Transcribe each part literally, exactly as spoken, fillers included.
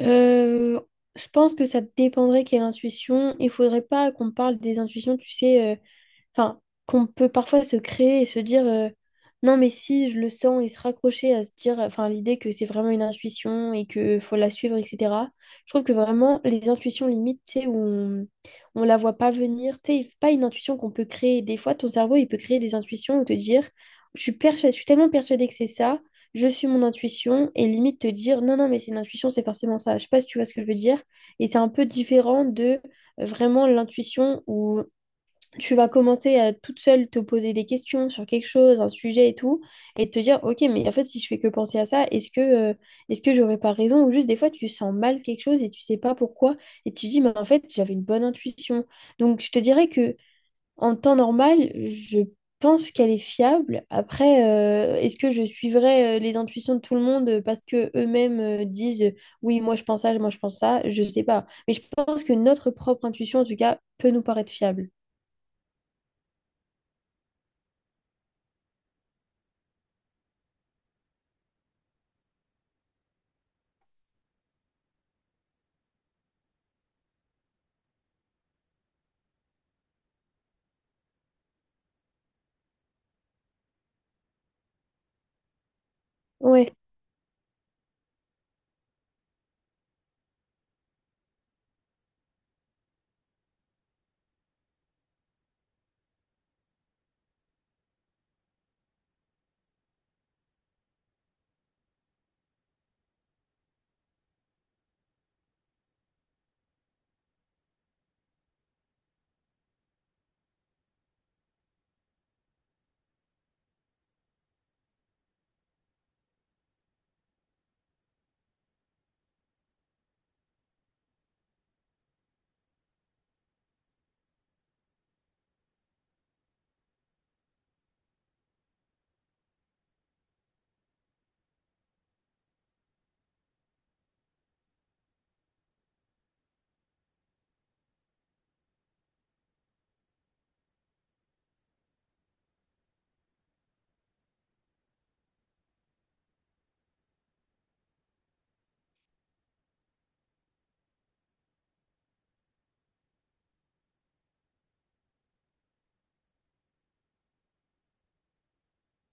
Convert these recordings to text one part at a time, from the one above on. Euh, je pense que ça dépendrait quelle intuition. Il faudrait pas qu'on parle des intuitions, tu sais, euh, enfin, qu'on peut parfois se créer et se dire euh, non, mais si je le sens et se raccrocher à se dire, enfin, l'idée que c'est vraiment une intuition et que faut la suivre, et cetera. Je trouve que vraiment les intuitions limites, tu sais, où on, on la voit pas venir, tu sais, pas une intuition qu'on peut créer. Des fois, ton cerveau, il peut créer des intuitions ou te dire, je suis persuadée, je suis tellement persuadée que c'est ça, je suis mon intuition et limite te dire non, non, mais c'est une intuition, c'est forcément ça. Je sais pas si tu vois ce que je veux dire. Et c'est un peu différent de euh, vraiment l'intuition où tu vas commencer à toute seule te poser des questions sur quelque chose, un sujet et tout, et te dire ok, mais en fait, si je fais que penser à ça, est-ce que, euh, est-ce que j'aurais pas raison? Ou juste des fois, tu sens mal quelque chose et tu sais pas pourquoi, et tu dis, mais en fait, j'avais une bonne intuition. Donc, je te dirais que en temps normal, je pense qu'elle est fiable. Après, euh, est-ce que je suivrai euh, les intuitions de tout le monde euh, parce que eux-mêmes euh, disent euh, oui, moi je pense ça, moi je pense ça, je sais pas. Mais je pense que notre propre intuition, en tout cas, peut nous paraître fiable. Ouais,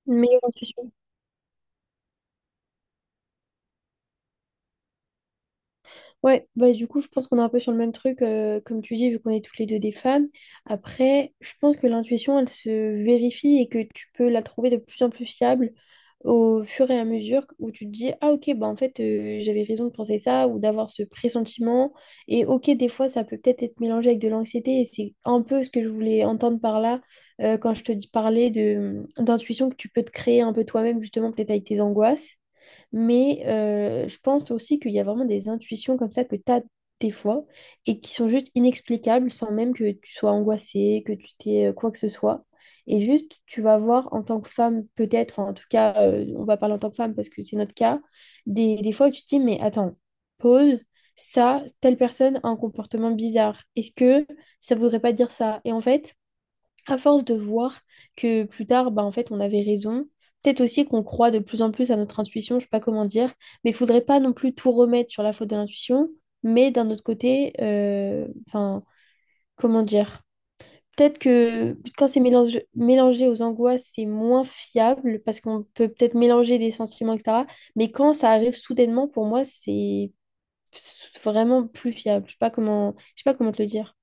une meilleure intuition. Ouais, bah du coup, je pense qu'on est un peu sur le même truc, euh, comme tu dis, vu qu'on est toutes les deux des femmes. Après, je pense que l'intuition, elle se vérifie et que tu peux la trouver de plus en plus fiable au fur et à mesure où tu te dis, ah ok, bah en fait, euh, j'avais raison de penser ça ou d'avoir ce pressentiment. Et ok, des fois, ça peut peut-être être mélangé avec de l'anxiété et c'est un peu ce que je voulais entendre par là euh, quand je te dis- parlais de, d'intuition que tu peux te créer un peu toi-même, justement, peut-être avec tes angoisses. Mais euh, je pense aussi qu'il y a vraiment des intuitions comme ça que tu as des fois et qui sont juste inexplicables sans même que tu sois angoissée, que tu t'aies euh, quoi que ce soit. Et juste, tu vas voir en tant que femme, peut-être, enfin en tout cas, euh, on va parler en tant que femme parce que c'est notre cas, des, des fois où tu te dis, mais attends, pause, ça, telle personne a un comportement bizarre. Est-ce que ça voudrait pas dire ça? Et en fait, à force de voir que plus tard, bah, en fait, on avait raison. Peut-être aussi qu'on croit de plus en plus à notre intuition, je sais pas comment dire, mais il faudrait pas non plus tout remettre sur la faute de l'intuition. Mais d'un autre côté, euh, enfin, comment dire? Peut-être que quand c'est mélangé, mélangé aux angoisses, c'est moins fiable parce qu'on peut peut-être mélanger des sentiments, et cetera. Mais quand ça arrive soudainement, pour moi, c'est vraiment plus fiable. Je sais pas comment, je sais pas comment te le dire.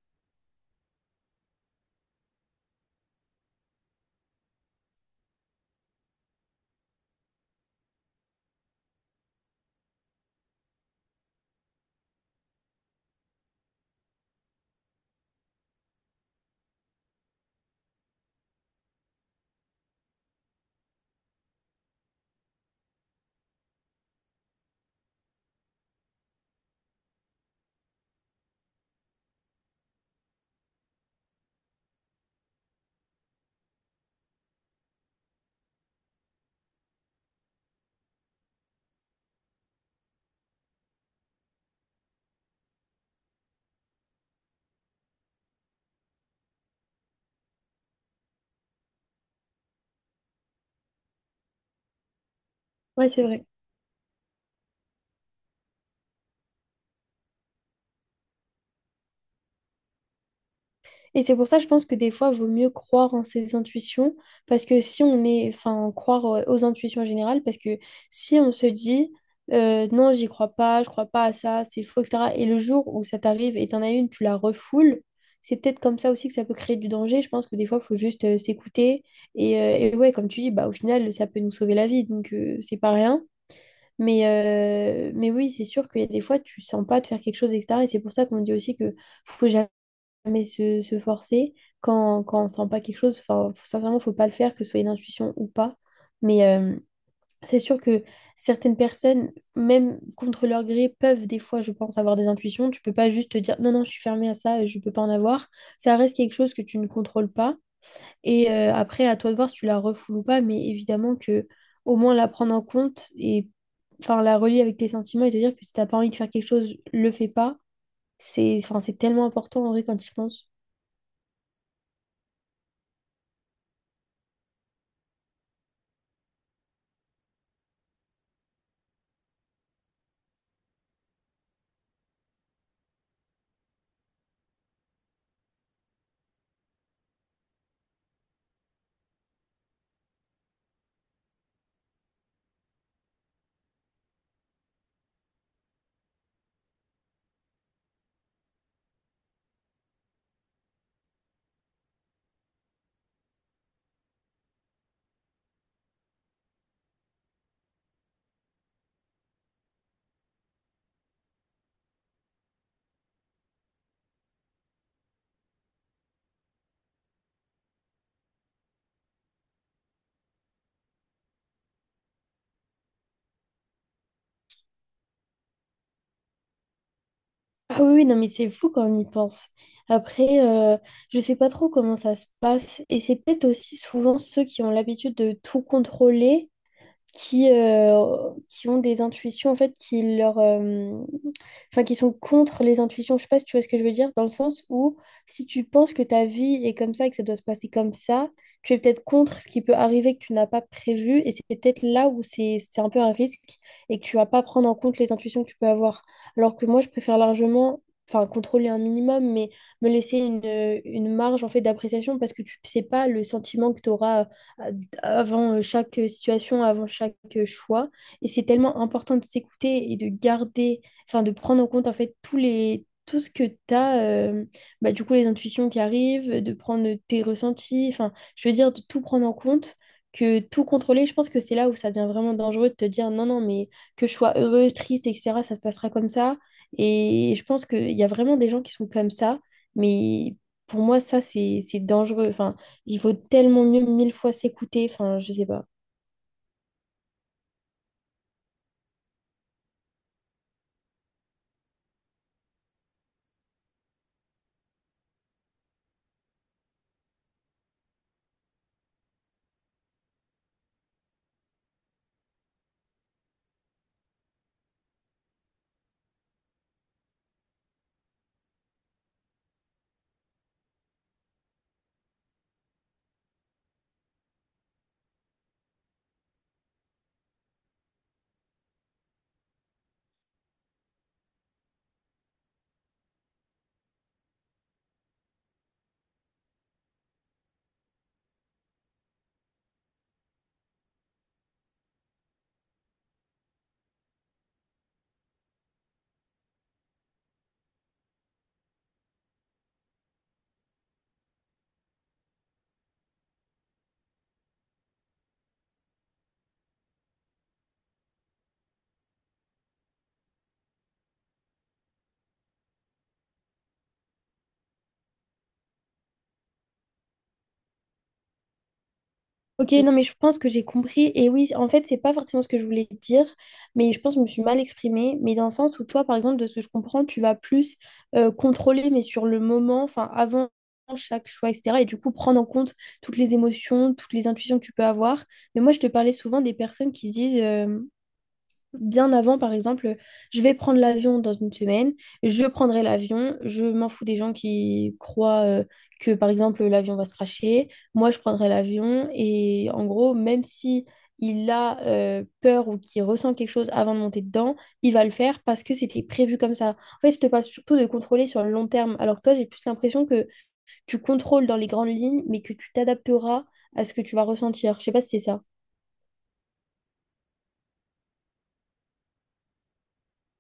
Ouais, c'est vrai. Et c'est pour ça, je pense que des fois, il vaut mieux croire en ses intuitions, parce que si on est, enfin, croire euh, aux intuitions générales, parce que si on se dit, euh, non, j'y crois pas, je crois pas à ça, c'est faux, et cetera, et le jour où ça t'arrive et t'en as une, tu la refoules, c'est peut-être comme ça aussi que ça peut créer du danger. Je pense que des fois, il faut juste euh, s'écouter, et, euh, et ouais, comme tu dis, bah, au final, ça peut nous sauver la vie, donc euh, c'est pas rien. Mais, euh, mais oui, c'est sûr qu'il y a des fois, tu sens pas de faire quelque chose, et cetera. Et c'est pour ça qu'on dit aussi que faut jamais jamais se, se forcer quand, quand on sent pas quelque chose. Enfin, faut- sincèrement, faut pas le faire, que ce soit une intuition ou pas. Mais euh, c'est sûr que certaines personnes, même contre leur gré, peuvent des fois, je pense, avoir des intuitions. Tu peux pas juste te dire non, non, je suis fermée à ça, je peux pas en avoir. Ça reste quelque chose que tu ne contrôles pas. Et euh, après, à toi de voir si tu la refoules ou pas. Mais évidemment que au moins la prendre en compte et enfin la relier avec tes sentiments et te dire que si t'as pas envie de faire quelque chose, le fais pas. C'est enfin, c'est tellement important en vrai quand tu y penses. Ah oui, oui, non, mais c'est fou quand on y pense. Après, euh, je sais pas trop comment ça se passe. Et c'est peut-être aussi souvent ceux qui ont l'habitude de tout contrôler qui, euh, qui ont des intuitions en fait qui leur euh, enfin qui sont contre les intuitions. Je sais pas si tu vois ce que je veux dire, dans le sens où si tu penses que ta vie est comme ça et que ça doit se passer comme ça, tu es peut-être contre ce qui peut arriver que tu n'as pas prévu et c'est peut-être là où c'est c'est un peu un risque et que tu vas pas prendre en compte les intuitions que tu peux avoir. Alors que moi, je préfère largement, enfin, contrôler un minimum, mais me laisser une, une marge en fait d'appréciation parce que tu sais pas le sentiment que tu auras euh, avant euh, chaque euh, situation, avant chaque euh, choix. Et c'est tellement important de s'écouter et de garder, enfin de prendre en compte en fait tous les, tout ce que tu as, bah, du coup les intuitions qui arrivent, de prendre tes ressentis, enfin je veux dire de tout prendre en compte. Que tout contrôler, je pense que c'est là où ça devient vraiment dangereux de te dire non, non, mais que je sois heureuse, triste, et cetera, ça se passera comme ça. Et je pense qu'il y a vraiment des gens qui sont comme ça, mais pour moi, ça, c'est c'est dangereux. Enfin, il vaut tellement mieux mille fois s'écouter. Enfin, je sais pas. Ok, non, mais je pense que j'ai compris. Et oui, en fait, c'est pas forcément ce que je voulais dire, mais je pense que je me suis mal exprimée. Mais dans le sens où toi, par exemple, de ce que je comprends, tu vas plus euh, contrôler, mais sur le moment, enfin, avant chaque choix, et cetera. Et du coup, prendre en compte toutes les émotions, toutes les intuitions que tu peux avoir. Mais moi, je te parlais souvent des personnes qui disent euh, bien avant, par exemple, je vais prendre l'avion dans une semaine, je prendrai l'avion, je m'en fous des gens qui croient euh, que, par exemple, l'avion va se crasher. Moi, je prendrai l'avion et en gros, même si il a euh, peur ou qu'il ressent quelque chose avant de monter dedans, il va le faire parce que c'était prévu comme ça. En fait, je te parle surtout de contrôler sur le long terme, alors que toi, j'ai plus l'impression que tu contrôles dans les grandes lignes, mais que tu t'adapteras à ce que tu vas ressentir. Je sais pas si c'est ça.